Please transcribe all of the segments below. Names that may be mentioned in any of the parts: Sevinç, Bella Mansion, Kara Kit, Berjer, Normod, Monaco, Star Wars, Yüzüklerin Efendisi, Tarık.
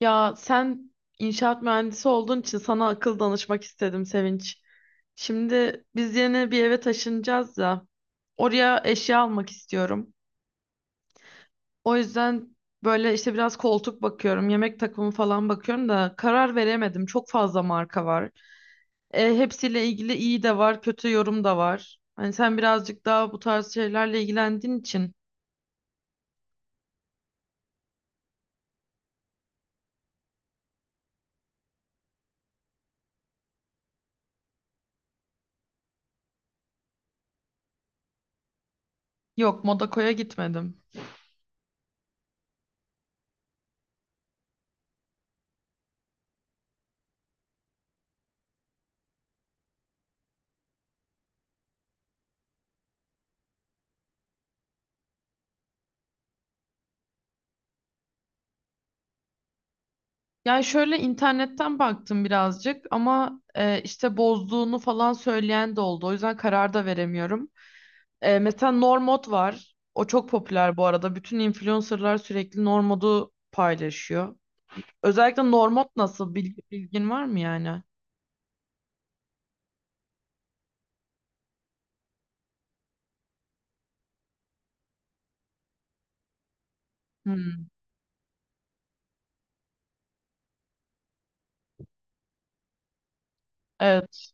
Ya sen inşaat mühendisi olduğun için sana akıl danışmak istedim Sevinç. Şimdi biz yeni bir eve taşınacağız ya. Oraya eşya almak istiyorum. O yüzden böyle işte biraz koltuk bakıyorum, yemek takımı falan bakıyorum da karar veremedim. Çok fazla marka var. Hepsiyle ilgili iyi de var, kötü yorum da var. Hani sen birazcık daha bu tarz şeylerle ilgilendiğin için. Yok, Monaco'ya gitmedim. Yani şöyle internetten baktım birazcık ama işte bozduğunu falan söyleyen de oldu. O yüzden karar da veremiyorum. Mesela Normod var. O çok popüler bu arada. Bütün influencerlar sürekli Normod'u paylaşıyor. Özellikle Normod nasıl? Bilgin var mı yani? Hmm. Evet.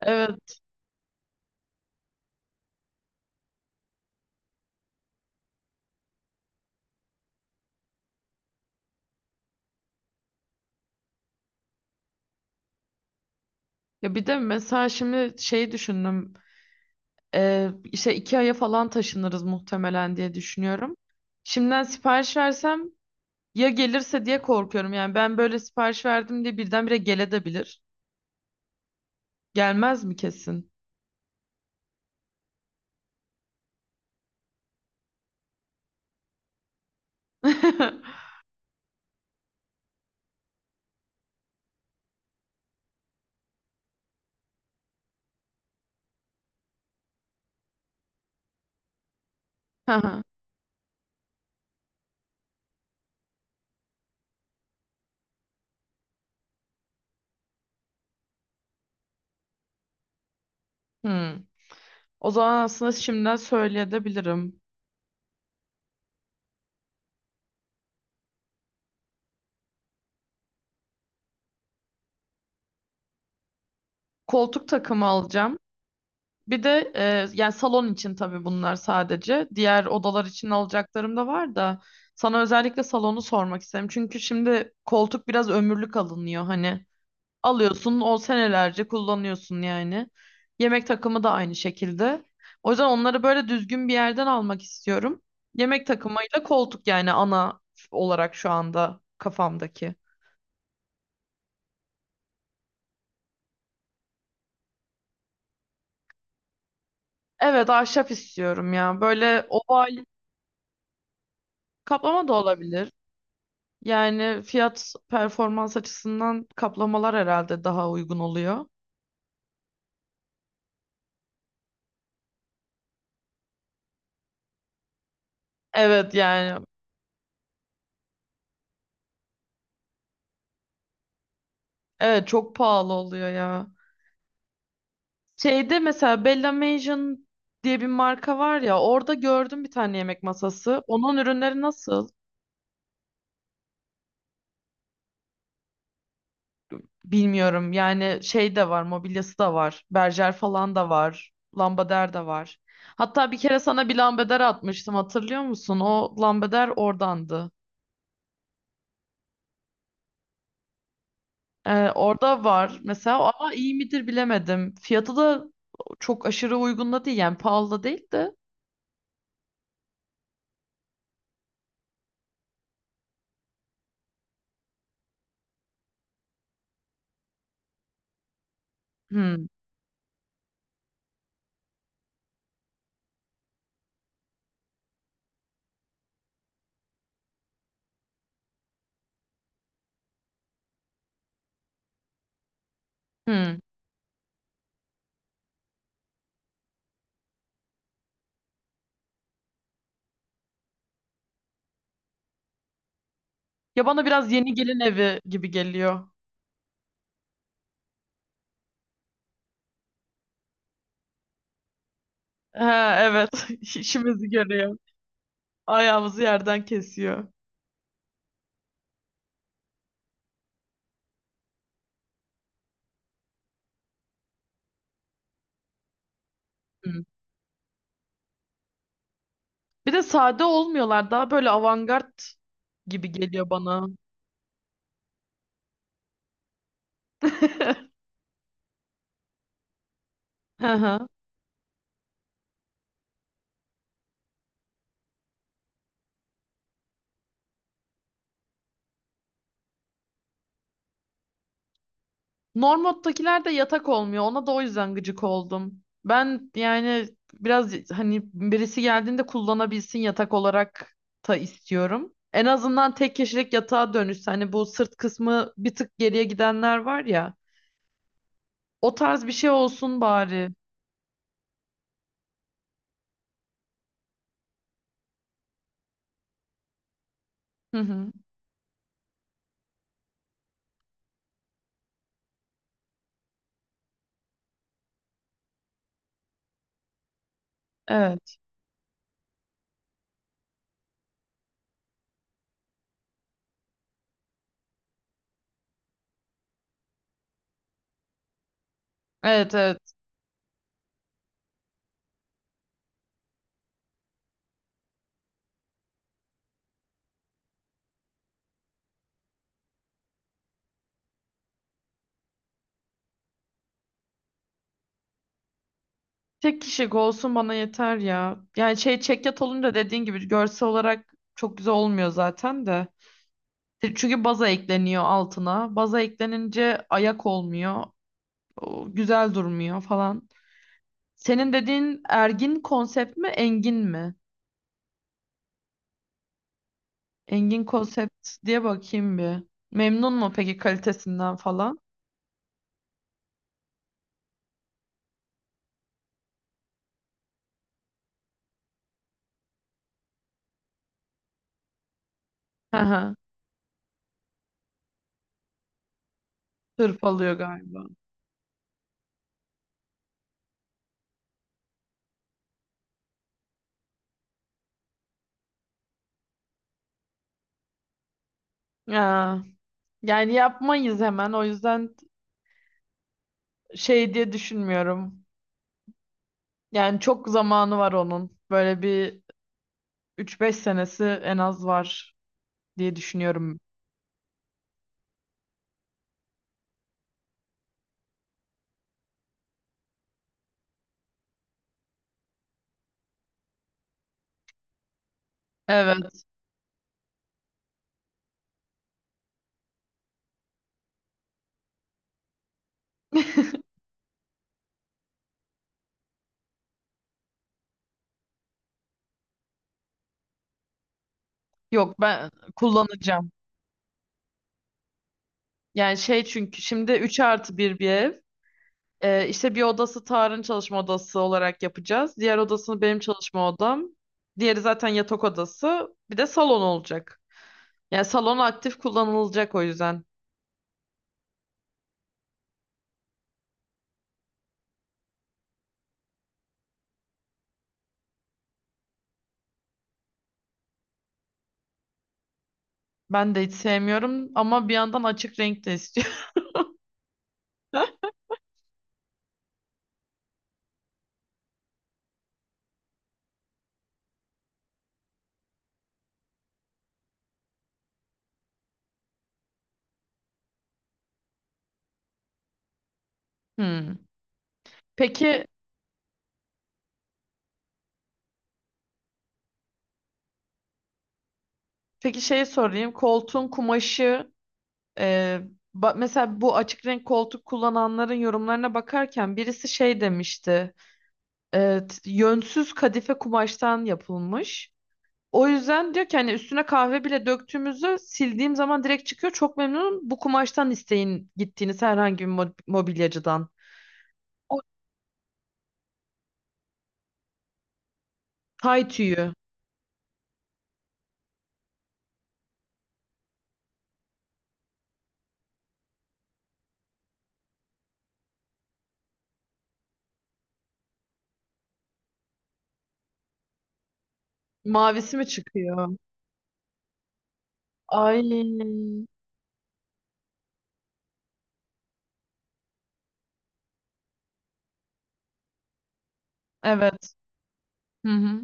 Evet. Ya bir de mesela şimdi şey düşündüm. İşte 2 aya falan taşınırız muhtemelen diye düşünüyorum. Şimdiden sipariş versem ya gelirse diye korkuyorum. Yani ben böyle sipariş verdim diye birdenbire gelebilir. Gelmez mi kesin? Hı hı. Hmm. O zaman aslında şimdiden söyleyebilirim. Koltuk takımı alacağım. Bir de yani salon için tabii bunlar sadece. Diğer odalar için alacaklarım da var da sana özellikle salonu sormak istedim. Çünkü şimdi koltuk biraz ömürlük alınıyor hani. Alıyorsun o senelerce kullanıyorsun yani. Yemek takımı da aynı şekilde. O yüzden onları böyle düzgün bir yerden almak istiyorum. Yemek takımıyla koltuk yani ana olarak şu anda kafamdaki. Evet ahşap istiyorum ya. Böyle oval kaplama da olabilir. Yani fiyat performans açısından kaplamalar herhalde daha uygun oluyor. Evet yani evet, çok pahalı oluyor ya. Şeyde mesela Bella Mansion diye bir marka var ya, orada gördüm bir tane yemek masası. Onun ürünleri nasıl? Bilmiyorum yani, şey de var, mobilyası da var. Berjer falan da var. Lambader de var. Hatta bir kere sana bir lambader atmıştım, hatırlıyor musun? O lambader oradandı. Orada var mesela ama iyi midir bilemedim. Fiyatı da çok aşırı uygun da değil yani, pahalı da değil de. Hmm, hmm. Ya bana biraz yeni gelin evi gibi geliyor. Ha, evet işimizi görüyor. Ayağımızı yerden kesiyor. Hmm. Bir de sade olmuyorlar, daha böyle avantgard gibi geliyor bana. Hı hı. Normod'dakiler de yatak olmuyor. Ona da o yüzden gıcık oldum. Ben yani biraz hani birisi geldiğinde kullanabilsin yatak olarak da istiyorum. En azından tek kişilik yatağa dönüşse hani, bu sırt kısmı bir tık geriye gidenler var ya. O tarz bir şey olsun bari. Hı hı. Evet. Evet, evet. Tek kişilik olsun bana yeter ya. Yani şey, çekyat olunca dediğin gibi görsel olarak çok güzel olmuyor zaten de. Çünkü baza ekleniyor altına. Baza eklenince ayak olmuyor. O güzel durmuyor falan. Senin dediğin ergin konsept mi, engin mi? Engin konsept diye bakayım bir. Memnun mu peki kalitesinden falan? Hı hı. Hırpalıyor galiba. Ya, yani yapmayız hemen. O yüzden şey diye düşünmüyorum. Yani çok zamanı var onun. Böyle bir üç beş senesi en az var diye düşünüyorum. Evet. Yok, ben kullanacağım. Yani şey, çünkü şimdi 3+1 bir ev. İşte bir odası Tarık'ın çalışma odası olarak yapacağız. Diğer odasını benim çalışma odam. Diğeri zaten yatak odası. Bir de salon olacak. Yani salon aktif kullanılacak o yüzden. Ben de hiç sevmiyorum ama bir yandan açık renk de istiyorum. Hmm. Peki, peki şeyi sorayım. Koltuğun kumaşı, e, mesela bu açık renk koltuk kullananların yorumlarına bakarken birisi şey demişti. E, Yönsüz kadife kumaştan yapılmış. O yüzden diyor ki hani üstüne kahve bile döktüğümüzde sildiğim zaman direkt çıkıyor. Çok memnunum. Bu kumaştan isteyin gittiğiniz herhangi bir mobilyacıdan. O tay tüyü. Mavisi mi çıkıyor? Ay. Evet. Hı hı.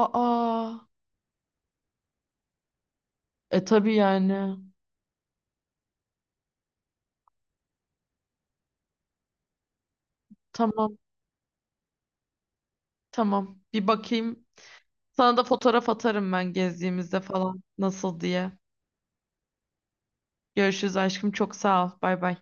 Aa. E tabii yani. Tamam. Tamam. Bir bakayım. Sana da fotoğraf atarım ben gezdiğimizde falan. Nasıl diye. Görüşürüz aşkım. Çok sağ ol. Bay bay.